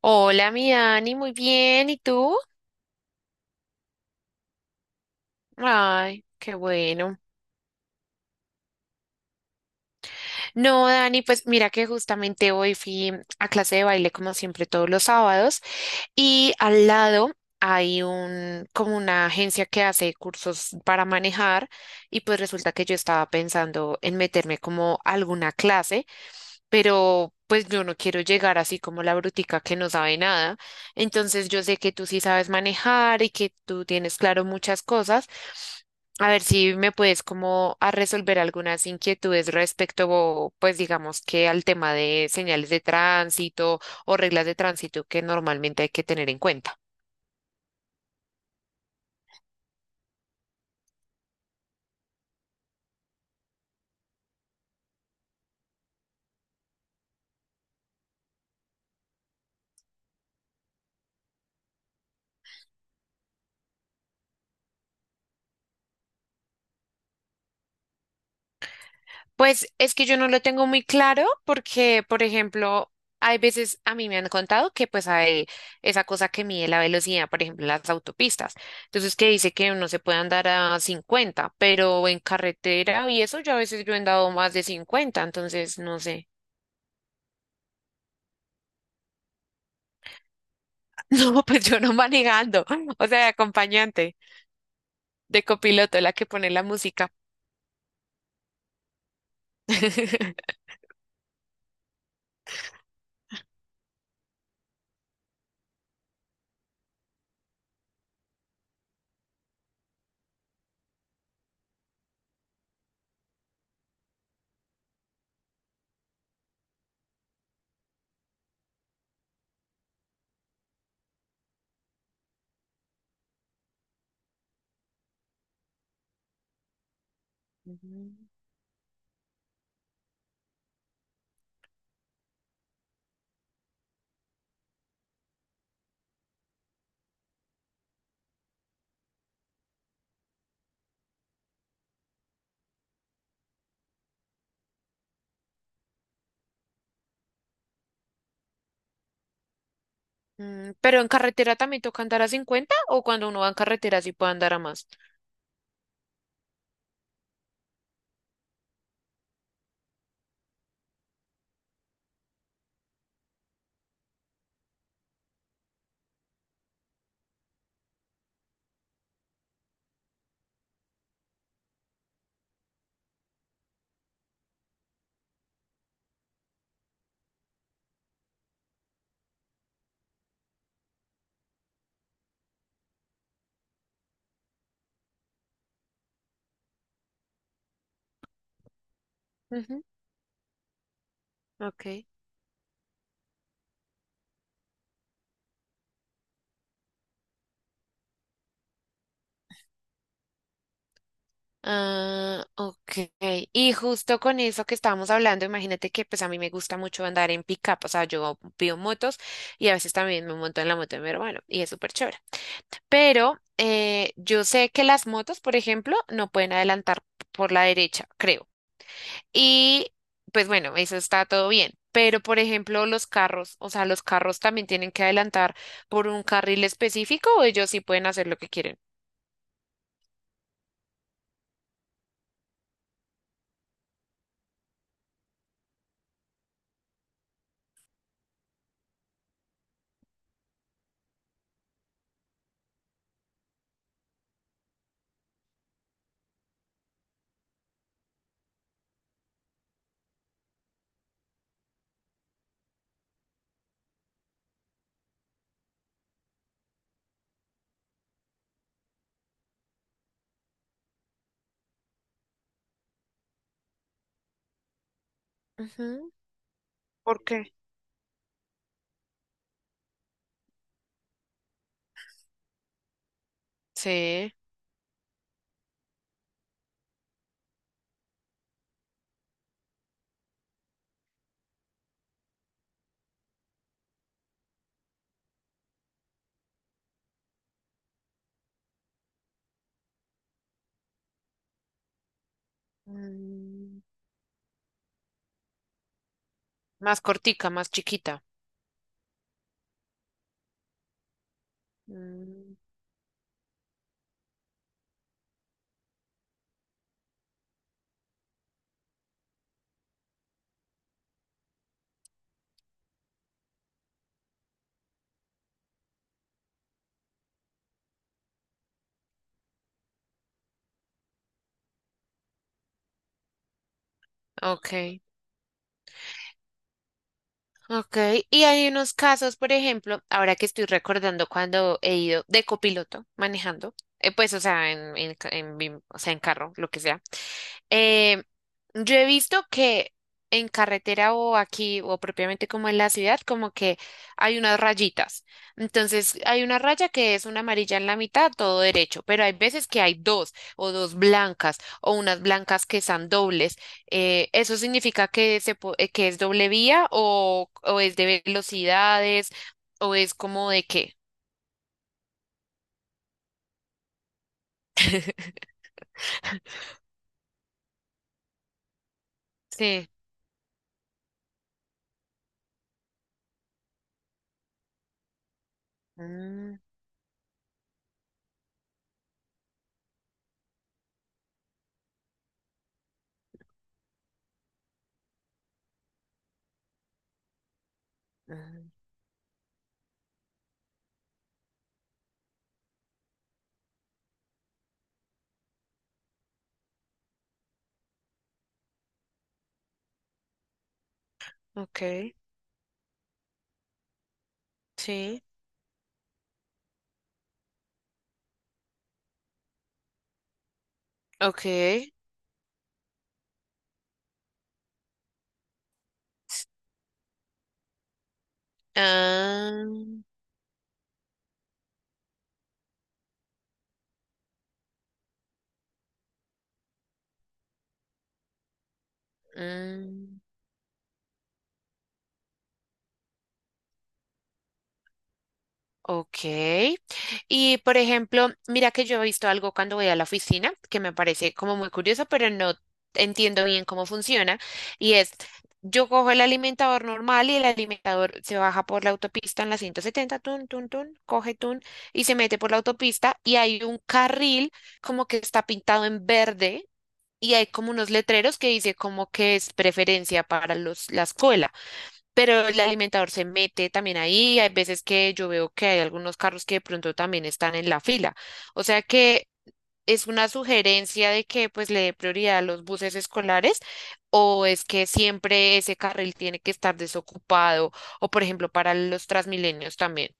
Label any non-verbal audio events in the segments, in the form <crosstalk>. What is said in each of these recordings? Hola, mi Dani, muy bien. ¿Y tú? Ay, qué bueno. No, Dani, pues mira que justamente hoy fui a clase de baile como siempre todos los sábados y al lado hay un como una agencia que hace cursos para manejar y pues resulta que yo estaba pensando en meterme como a alguna clase. Pero pues yo no quiero llegar así como la brutica que no sabe nada. Entonces yo sé que tú sí sabes manejar y que tú tienes claro muchas cosas. A ver si me puedes como a resolver algunas inquietudes respecto, pues digamos que al tema de señales de tránsito o reglas de tránsito que normalmente hay que tener en cuenta. Pues es que yo no lo tengo muy claro porque, por ejemplo, hay veces a mí me han contado que pues hay esa cosa que mide la velocidad, por ejemplo, en las autopistas. Entonces, que dice que uno se puede andar a 50 pero en carretera y eso yo a veces yo he andado más de 50 entonces no sé. <laughs> No, pues yo no manejando, <laughs> o sea, de acompañante, de copiloto, la que pone la música. <laughs> Ujú. Mm, pero en carretera también toca andar a 50 o cuando uno va en carretera sí puede andar a más. Ujú. Ok. Ah, ok. Y justo con eso que estábamos hablando, imagínate que pues a mí me gusta mucho andar en pick-up, o sea, yo pido motos y a veces también me monto en la moto de mi hermano y es súper chévere. Pero yo sé que las motos, por ejemplo, no pueden adelantar por la derecha, creo. Y pues bueno, eso está todo bien. Pero por ejemplo, los carros, o sea, los carros también tienen que adelantar por un carril específico o ellos sí pueden hacer lo que quieren. Ujú. ¿Por qué? Sí. Mm. Más cortica, más chiquita. Mm, ok, ok. Y hay unos casos, por ejemplo, ahora que estoy recordando cuando he ido de copiloto manejando, pues, o sea, en ca- en bim- o sea, en carro, lo que sea. Eh, yo he visto que en carretera o aquí o propiamente como en la ciudad, como que hay unas rayitas. Entonces hay una raya que es una amarilla en la mitad, todo derecho, pero hay veces que hay dos o dos blancas o unas blancas que están dobles. ¿Eso significa que es doble vía o es de velocidades o es como de qué? Sí. Mm, mm, ok, sí, ok. Ah. Mm, ok. Y por ejemplo, mira que yo he visto algo cuando voy a la oficina que me parece como muy curioso, pero no entiendo bien cómo funciona. Y es, yo cojo el alimentador normal y el alimentador se baja por la autopista en la 170, tun, tun, tun, coge tun y se mete por la autopista y hay un carril como que está pintado en verde. Y hay como unos letreros que dice como que es preferencia para los, la escuela. Pero el alimentador se mete también ahí. Hay veces que yo veo que hay algunos carros que de pronto también están en la fila. O sea que es una sugerencia de que pues le dé prioridad a los buses escolares o es que siempre ese carril tiene que estar desocupado o por ejemplo para los Transmilenios también.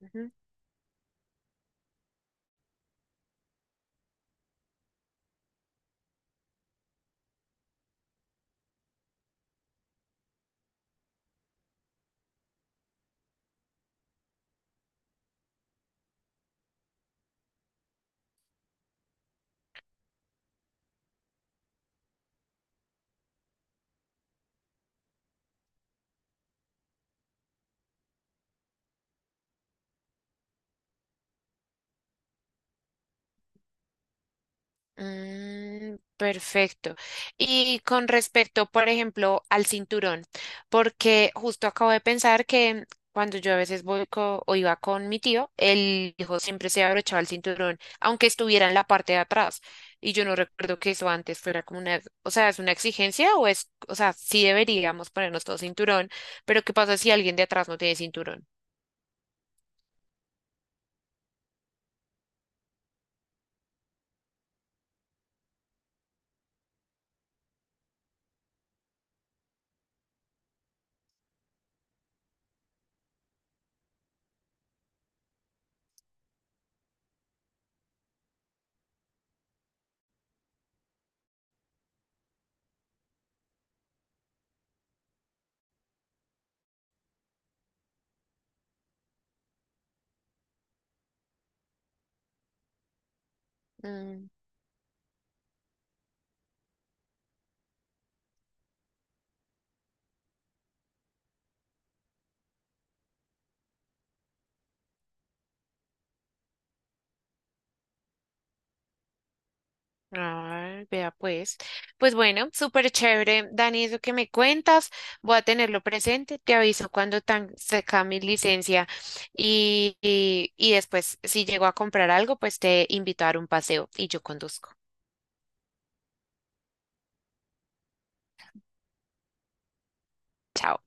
Ujú. Mm, perfecto. Y con respecto, por ejemplo, al cinturón, porque justo acabo de pensar que cuando yo a veces voy co- o iba con mi tío, el hijo siempre se abrochaba el cinturón, aunque estuviera en la parte de atrás. Y yo no recuerdo que eso antes fuera como una, o sea, es una exigencia o es, o sea, sí deberíamos ponernos todo cinturón, pero ¿qué pasa si alguien de atrás no tiene cinturón? Ah, vea pues. Pues bueno, súper chévere, Dani, eso que me cuentas, voy a tenerlo presente, te aviso cuando tan saca mi licencia y después si llego a comprar algo, pues te invito a dar un paseo y yo conduzco. Chao.